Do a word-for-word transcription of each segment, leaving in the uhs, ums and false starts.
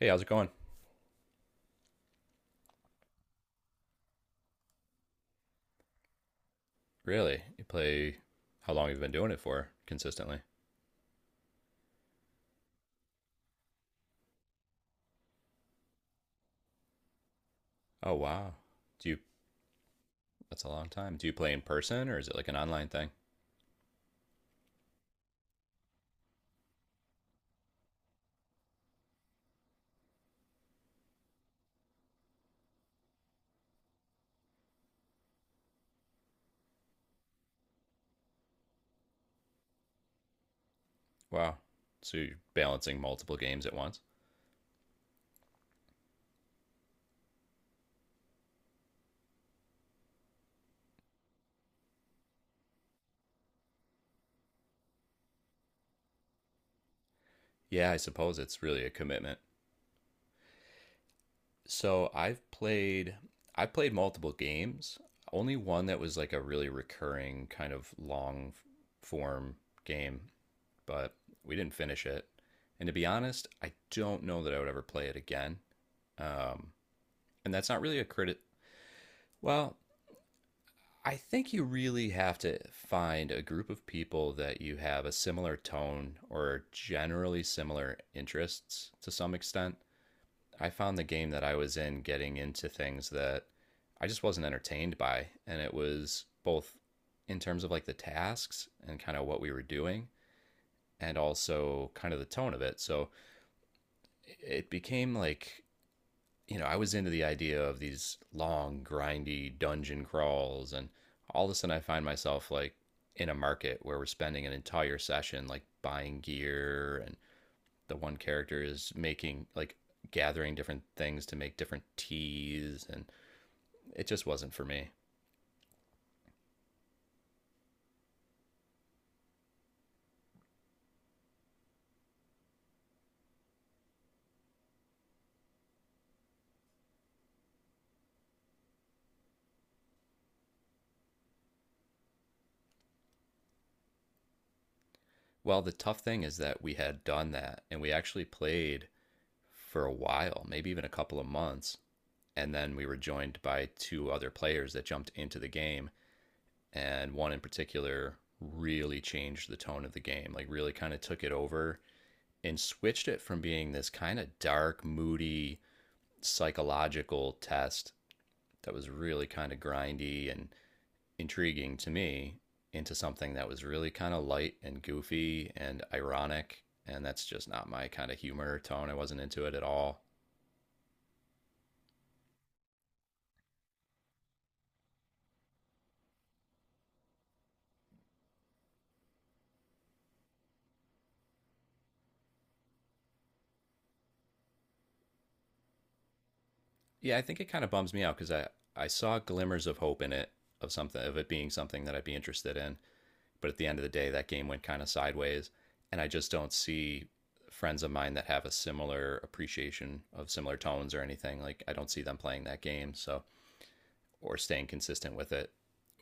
Hey, how's it going? Really? You play How long you've been doing it for consistently? Oh, wow. Do you That's a long time. Do you play in person or is it like an online thing? Wow. So you're balancing multiple games at once? Yeah, I suppose it's really a commitment. So I've played I've played multiple games. Only one that was like a really recurring kind of long form game, but we didn't finish it. And to be honest, I don't know that I would ever play it again. Um, And that's not really a credit. Well, I think you really have to find a group of people that you have a similar tone or generally similar interests to some extent. I found the game that I was in getting into things that I just wasn't entertained by. And it was both in terms of like the tasks and kind of what we were doing and also kind of the tone of it. So it became like, you know, I was into the idea of these long, grindy dungeon crawls, and all of a sudden I find myself like in a market where we're spending an entire session like buying gear, and the one character is making like gathering different things to make different teas, and it just wasn't for me. Well, the tough thing is that we had done that, and we actually played for a while, maybe even a couple of months, and then we were joined by two other players that jumped into the game, and one in particular really changed the tone of the game. Like really kind of took it over and switched it from being this kind of dark, moody, psychological test that was really kind of grindy and intriguing to me into something that was really kind of light and goofy and ironic. And that's just not my kind of humor or tone. I wasn't into it at all. Yeah, I think it kind of bums me out because I, I saw glimmers of hope in it, of something, of it being something that I'd be interested in. But at the end of the day, that game went kind of sideways. And I just don't see friends of mine that have a similar appreciation of similar tones or anything. Like, I don't see them playing that game. So, or staying consistent with it,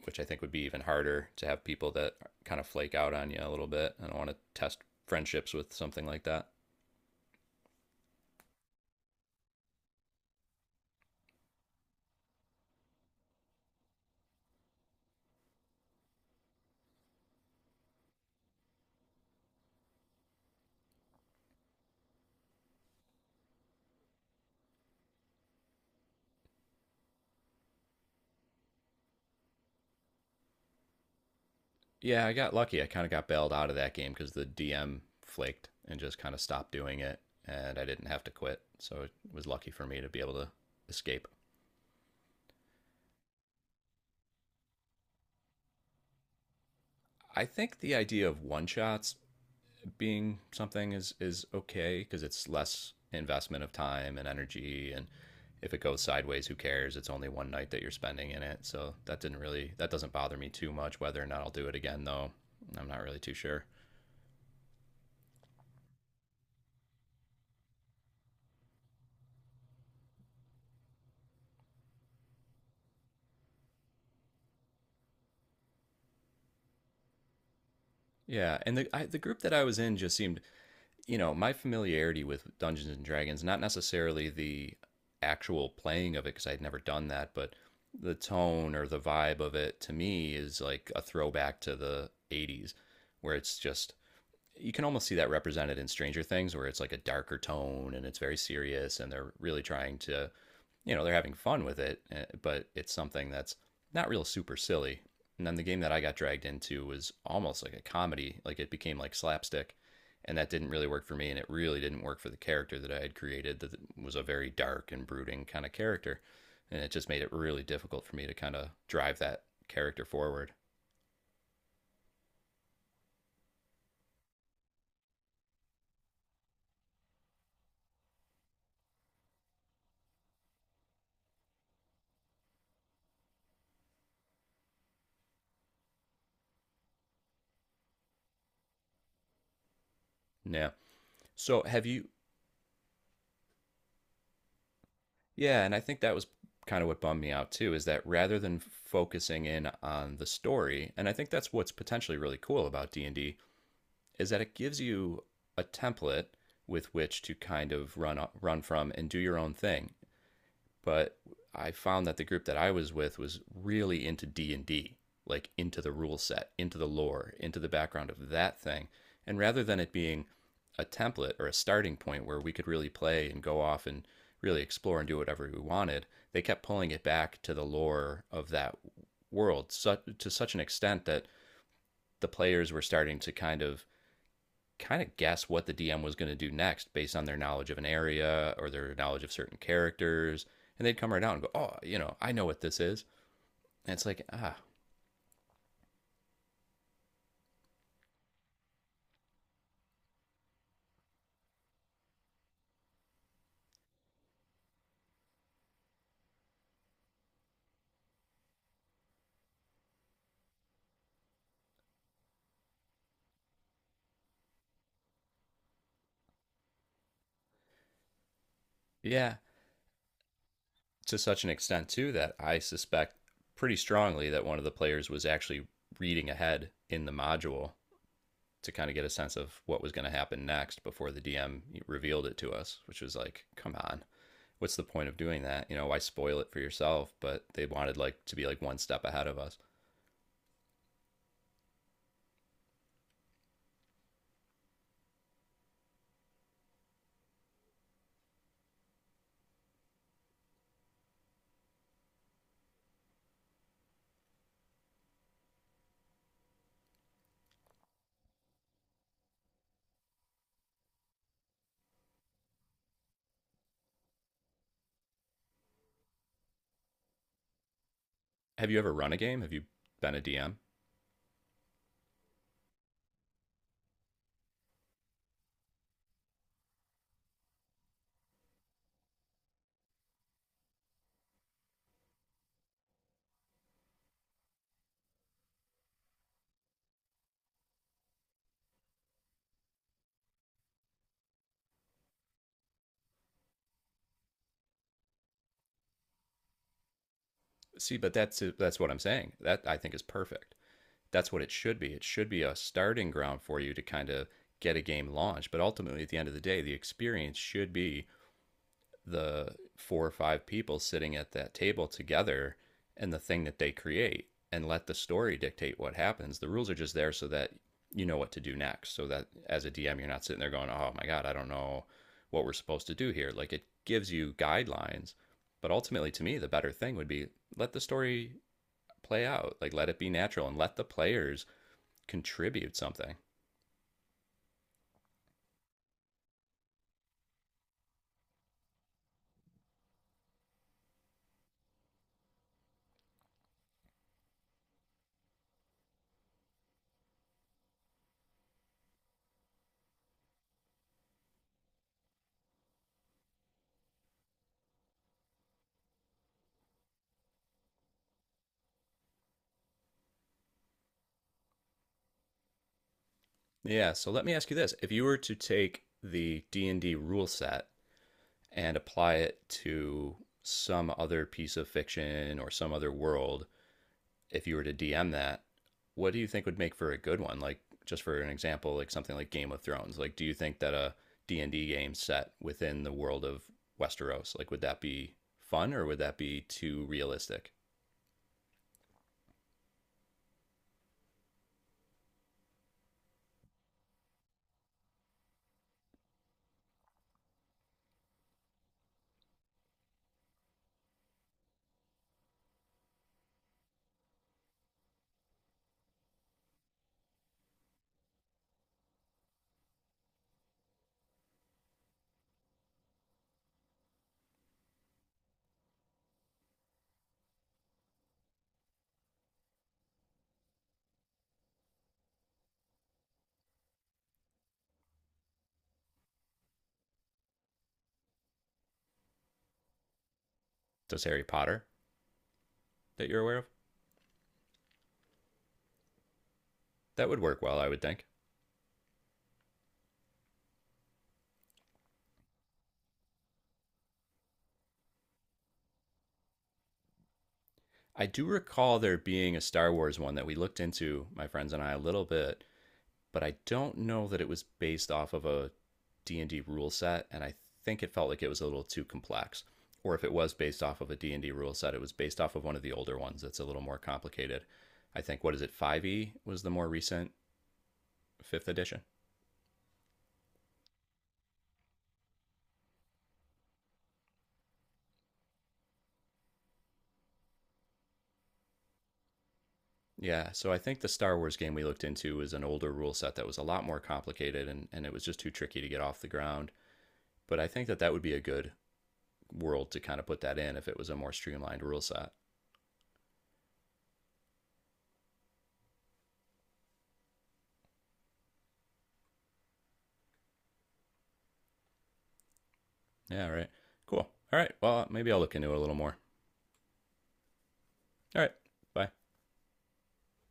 which I think would be even harder to have people that kind of flake out on you a little bit. I don't want to test friendships with something like that. Yeah, I got lucky. I kind of got bailed out of that game because the D M flaked and just kind of stopped doing it, and I didn't have to quit. So it was lucky for me to be able to escape. I think the idea of one shots being something is is okay because it's less investment of time and energy, and if it goes sideways, who cares? It's only one night that you're spending in it. So that didn't really, that doesn't bother me too much. Whether or not I'll do it again though, I'm not really too sure. Yeah, and the I, the group that I was in just seemed, you know, my familiarity with Dungeons and Dragons, not necessarily the actual playing of it because I'd never done that, but the tone or the vibe of it to me is like a throwback to the eighties, where it's just, you can almost see that represented in Stranger Things, where it's like a darker tone and it's very serious and they're really trying to, you know they're having fun with it, eh, but it's something that's not real super silly. And then the game that I got dragged into was almost like a comedy, like it became like slapstick, and that didn't really work for me, and it really didn't work for the character that I had created. That was a very dark and brooding kind of character, and it just made it really difficult for me to kind of drive that character forward. Yeah. So have you? Yeah, and I think that was kind of what bummed me out too, is that rather than focusing in on the story, and I think that's what's potentially really cool about D and D is that it gives you a template with which to kind of run run from and do your own thing. But I found that the group that I was with was really into D and D, like into the rule set, into the lore, into the background of that thing. And rather than it being a template or a starting point where we could really play and go off and really explore and do whatever we wanted, they kept pulling it back to the lore of that world, so, to such an extent that the players were starting to kind of kind of guess what the D M was going to do next based on their knowledge of an area or their knowledge of certain characters. And they'd come right out and go, oh, you know, I know what this is. And it's like, ah, yeah. To such an extent, too, that I suspect pretty strongly that one of the players was actually reading ahead in the module to kind of get a sense of what was going to happen next before the D M revealed it to us, which was like, come on, what's the point of doing that? You know, why spoil it for yourself? But they wanted like to be like one step ahead of us. Have you ever run a game? Have you been a D M? See, but that's that's what I'm saying. That I think is perfect. That's what it should be. It should be a starting ground for you to kind of get a game launched, but ultimately at the end of the day, the experience should be the four or five people sitting at that table together and the thing that they create, and let the story dictate what happens. The rules are just there so that you know what to do next. So that as a D M, you're not sitting there going, oh my God, I don't know what we're supposed to do here. Like it gives you guidelines. But ultimately, to me, the better thing would be, let the story play out, like let it be natural and let the players contribute something. Yeah, so let me ask you this. If you were to take the D and D rule set and apply it to some other piece of fiction or some other world, if you were to D M that, what do you think would make for a good one? Like just for an example, like something like Game of Thrones. Like do you think that a D and D game set within the world of Westeros, like would that be fun or would that be too realistic? Does Harry Potter that you're aware of? That would work well, I would think. I do recall there being a Star Wars one that we looked into, my friends and I, a little bit, but I don't know that it was based off of a D and d rule set, and I think it felt like it was a little too complex, or if it was based off of a D and d rule set, it was based off of one of the older ones that's a little more complicated. I think what is it, five e was the more recent, 5th edition. Yeah, so I think the Star Wars game we looked into was an older rule set that was a lot more complicated, and, and it was just too tricky to get off the ground. But I think that that would be a good world to kind of put that in if it was a more streamlined rule set. Yeah, right. Cool. All right. Well, maybe I'll look into it a little more. All right. Bye.